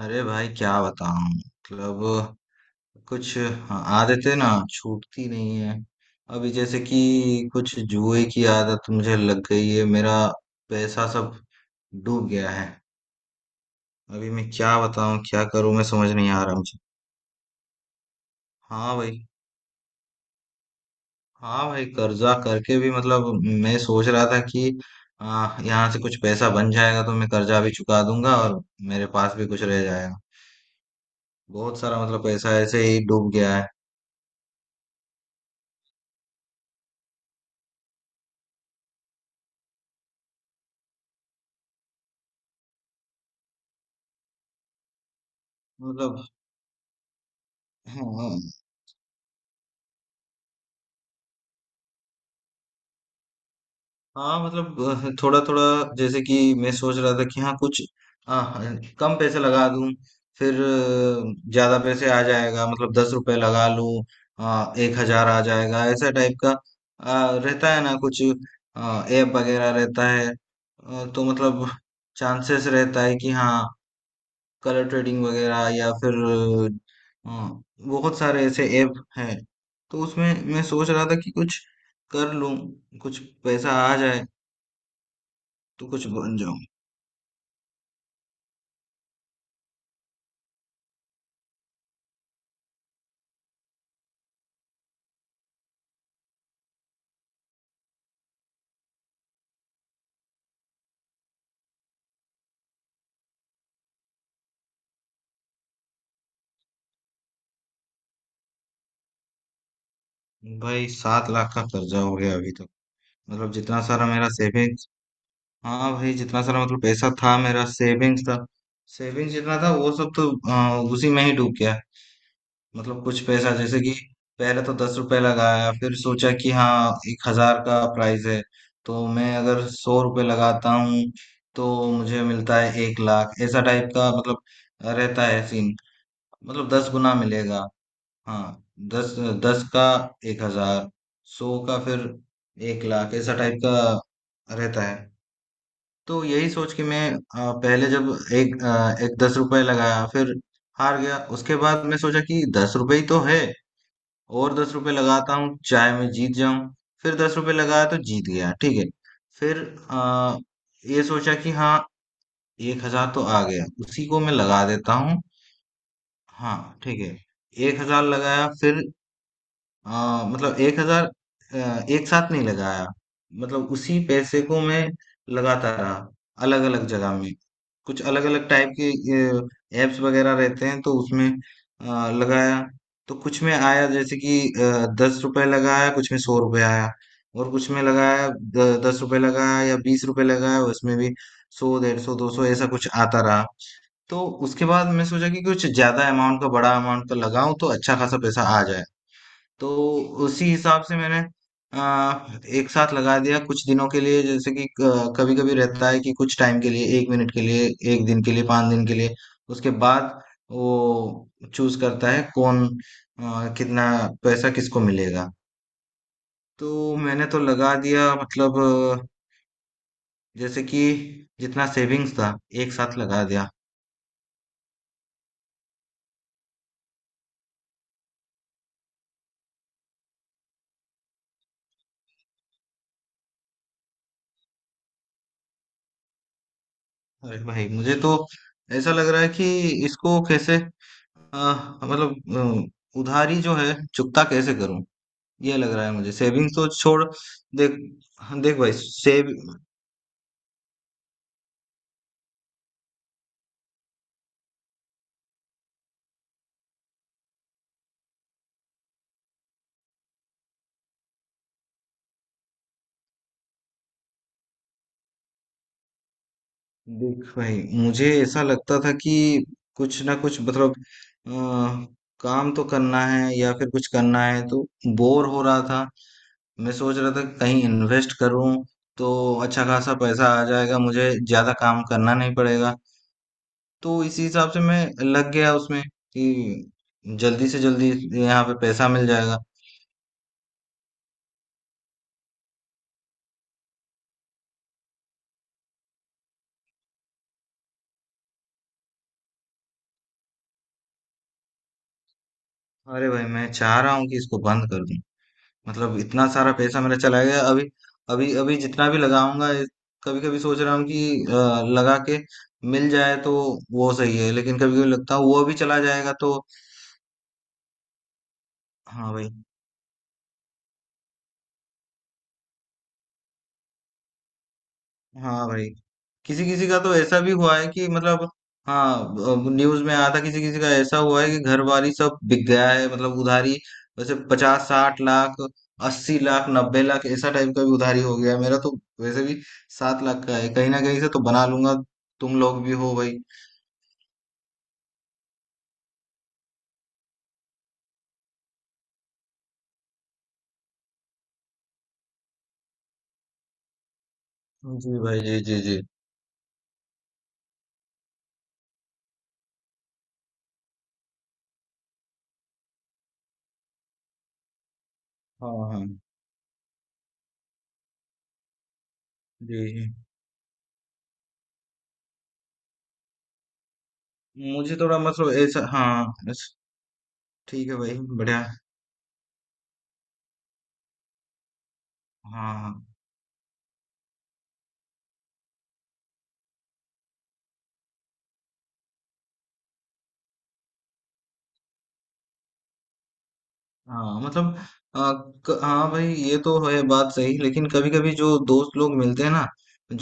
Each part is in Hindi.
अरे भाई क्या बताऊं मतलब कुछ आदतें ना छूटती नहीं है। अभी जैसे कि कुछ जुए की आदत मुझे लग गई है। मेरा पैसा सब डूब गया है। अभी मैं क्या बताऊं, क्या करूं, मैं समझ नहीं आ रहा मुझे। हाँ भाई, हाँ भाई, कर्जा करके भी मतलब मैं सोच रहा था कि यहाँ से कुछ पैसा बन जाएगा तो मैं कर्जा भी चुका दूंगा और मेरे पास भी कुछ रह जाएगा। बहुत सारा मतलब पैसा ऐसे ही डूब गया है, मतलब। हाँ हाँ, मतलब थोड़ा थोड़ा, जैसे कि मैं सोच रहा था कि हाँ कुछ, हाँ, कम पैसे लगा दूं। फिर ज्यादा पैसे आ जाएगा मतलब 10 रुपए लगा लूं। 1 हजार आ जाएगा ऐसा टाइप का। रहता है ना कुछ ऐप वगैरह रहता है, तो मतलब चांसेस रहता है कि हाँ, कलर ट्रेडिंग वगैरह, या फिर अ, बहुत सारे ऐसे ऐप हैं। तो उसमें मैं सोच रहा था कि कुछ कर लूं, कुछ पैसा आ जाए, तो कुछ बन जाऊं। भाई 7 लाख का कर्जा हो गया अभी तक, मतलब जितना सारा मेरा सेविंग्स। हाँ भाई, जितना सारा मतलब पैसा था मेरा सेविंग्स था। सेविंग्स जितना था वो सब तो उसी में ही डूब गया। मतलब कुछ पैसा जैसे कि, पहले तो 10 रुपए लगाया, फिर सोचा कि हाँ 1 हजार का प्राइस है। तो मैं अगर 100 रुपए लगाता हूँ, तो मुझे मिलता है 1 लाख, ऐसा टाइप का मतलब रहता है सीन। मतलब 10 गुना मिलेगा। हाँ। दस, दस का 1 हजार, सौ का फिर 1 लाख, ऐसा टाइप का रहता है। तो यही सोच के मैं पहले जब एक 10 रुपए लगाया, फिर हार गया। उसके बाद मैं सोचा कि 10 रुपए ही तो है, और 10 रुपए लगाता हूँ, चाहे मैं जीत जाऊं। फिर 10 रुपए लगाया तो जीत गया, ठीक है। फिर अ, ये सोचा कि हाँ, एक हजार तो आ गया, उसी को मैं लगा देता हूँ। हाँ ठीक है, 1 हजार लगाया फिर, हाँ मतलब 1 हजार एक साथ नहीं लगाया। मतलब उसी पैसे को मैं लगाता रहा, अलग अलग जगह में। कुछ अलग अलग टाइप के एप्स वगैरह रहते हैं, तो उसमें लगाया। तो कुछ में आया, जैसे कि 10 रुपए लगाया, कुछ में 100 रुपए आया। और कुछ में लगाया, 10 रुपए लगाया या 20 रुपए लगाया, उसमें भी 100, 150, 200 ऐसा कुछ आता रहा। तो उसके बाद मैं सोचा कि कुछ ज्यादा अमाउंट का, बड़ा अमाउंट का लगाऊं तो अच्छा खासा पैसा आ जाए। तो उसी हिसाब से मैंने आ, एक साथ लगा दिया, कुछ दिनों के लिए, जैसे कि कभी कभी रहता है कि कुछ टाइम के लिए, 1 मिनट के लिए, 1 दिन के लिए, 5 दिन के लिए। उसके बाद वो चूज करता है कौन कितना पैसा किसको मिलेगा। तो मैंने तो लगा दिया मतलब, अ, जैसे कि जितना सेविंग्स था एक साथ लगा दिया। अरे भाई, मुझे तो ऐसा लग रहा है कि इसको कैसे, मतलब उधारी जो है चुकता कैसे करूं। ये लग रहा है मुझे, सेविंग्स तो छोड़। देख। हाँ, देख भाई, सेव देख भाई, मुझे ऐसा लगता था कि कुछ ना कुछ मतलब अ, काम तो करना है या फिर कुछ करना है, तो बोर हो रहा था। मैं सोच रहा था कि कहीं इन्वेस्ट करूं, तो अच्छा खासा पैसा आ जाएगा, मुझे ज्यादा काम करना नहीं पड़ेगा। तो इसी हिसाब से मैं लग गया उसमें कि जल्दी से जल्दी यहाँ पे पैसा मिल जाएगा। अरे भाई, मैं चाह रहा हूँ कि इसको बंद कर दूं। मतलब इतना सारा पैसा मेरा चला गया। अभी अभी अभी जितना भी लगाऊंगा, कभी कभी सोच रहा हूँ कि लगा के मिल जाए तो वो सही है, लेकिन कभी कभी लगता है वो भी चला जाएगा, तो हाँ भाई। हाँ भाई, किसी किसी का तो ऐसा भी हुआ है कि मतलब, हाँ, न्यूज में आया था, किसी किसी का ऐसा हुआ है कि घर वाली सब बिक गया है, मतलब उधारी वैसे 50-60 लाख, 80 लाख, 90 लाख ऐसा टाइप का भी उधारी हो गया है। मेरा तो वैसे भी 7 लाख का है, कहीं ना कहीं से तो बना लूंगा। तुम लोग भी हो भाई। जी भाई, जी जी जी। हाँ हाँ। जी जी। मुझे थोड़ा मतलब ऐसा, हाँ बस। ठीक है भाई, बढ़िया। हाँ हाँ, मतलब हाँ भाई, ये तो है बात सही, लेकिन कभी कभी जो दोस्त लोग मिलते हैं ना,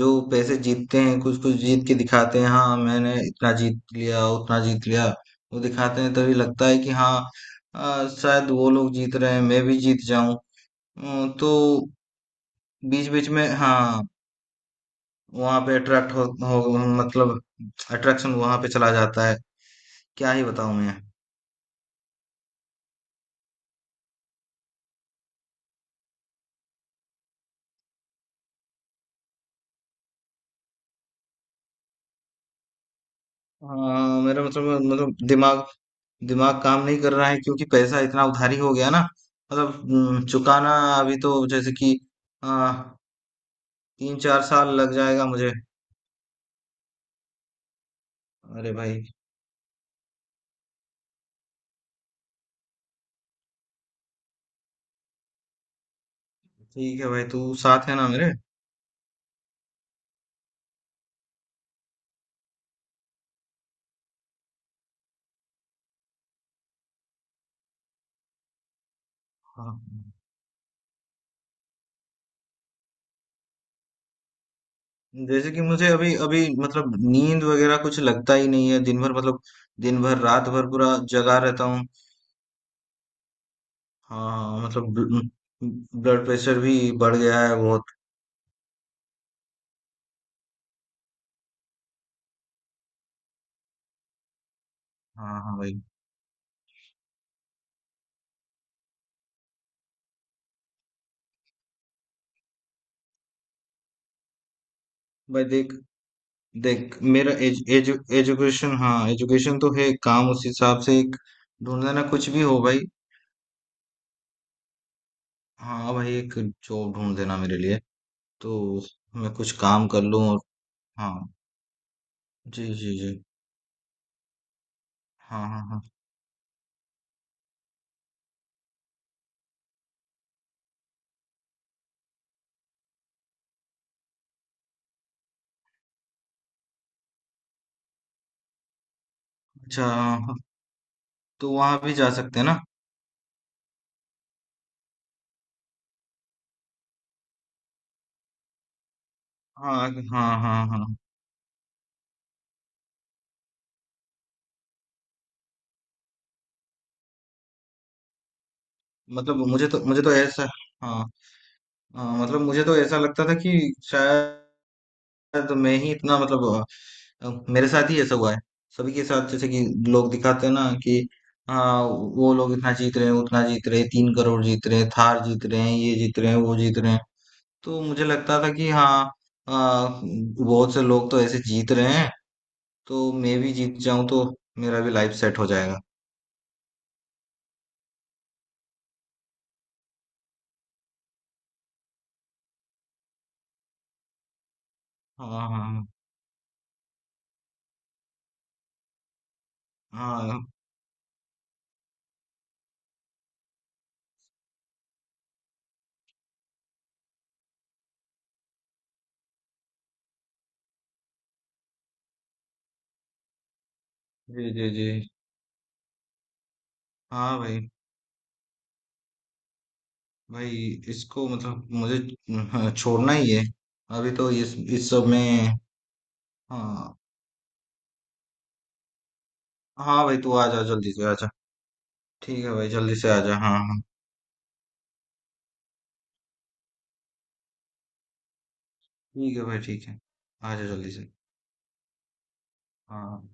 जो पैसे जीतते हैं, कुछ कुछ जीत के दिखाते हैं, हाँ मैंने इतना जीत लिया, उतना जीत लिया। वो दिखाते हैं, तभी लगता है कि हाँ, शायद वो लोग जीत रहे हैं, मैं भी जीत जाऊं। तो बीच बीच में हाँ, वहां पे अट्रैक्ट हो, मतलब अट्रैक्शन वहां पे चला जाता है। क्या ही बताऊं मैं। हाँ मेरा मतलब दिमाग दिमाग काम नहीं कर रहा है, क्योंकि पैसा इतना उधारी हो गया ना। मतलब चुकाना अभी तो जैसे कि आ, 3-4 साल लग जाएगा मुझे। अरे भाई, ठीक है भाई, तू साथ है ना मेरे? हाँ। जैसे कि मुझे अभी अभी मतलब, नींद वगैरह कुछ लगता ही नहीं है दिन भर, मतलब। दिन भर रात भर पूरा जगा रहता हूँ। हाँ मतलब, ब्लड प्रेशर भी बढ़ गया है बहुत। हाँ हाँ भाई। भाई देख, देख मेरा एजुकेशन, हाँ एजुकेशन तो है, काम उस हिसाब से एक ढूंढ देना, कुछ भी हो भाई। हाँ भाई, एक जॉब ढूंढ देना मेरे लिए, तो मैं कुछ काम कर लूँ और। हाँ। जी जी जी। हाँ हाँ हाँ। अच्छा, हाँ, तो वहाँ भी जा सकते हैं ना? हाँ हाँ हाँ। हाँ मतलब मुझे तो ऐसा, हाँ, हाँ, मतलब मुझे तो ऐसा लगता था कि शायद तो मैं ही इतना मतलब, मेरे साथ ही ऐसा हुआ है। सभी के साथ, जैसे कि लोग दिखाते हैं ना कि हाँ, वो लोग इतना जीत रहे हैं, उतना जीत रहे हैं, 3 करोड़ जीत रहे हैं, थार जीत रहे हैं, ये जीत रहे हैं, वो जीत रहे हैं। तो मुझे लगता था कि हाँ, अ, बहुत से लोग तो ऐसे जीत रहे हैं, तो मैं भी जीत जाऊं, तो मेरा भी लाइफ सेट हो जाएगा। हाँ हाँ हाँ। जी जी जी। हाँ भाई। भाई इसको, मतलब मुझे छोड़ना ही है, अभी तो इस सब में। हाँ हाँ भाई, तू आ जा जल्दी से, आ जा। ठीक है भाई, जल्दी से आ जा। हाँ हाँ हाँ। ठीक है भाई ठीक है। आ जा जल्दी से। हाँ हाँ।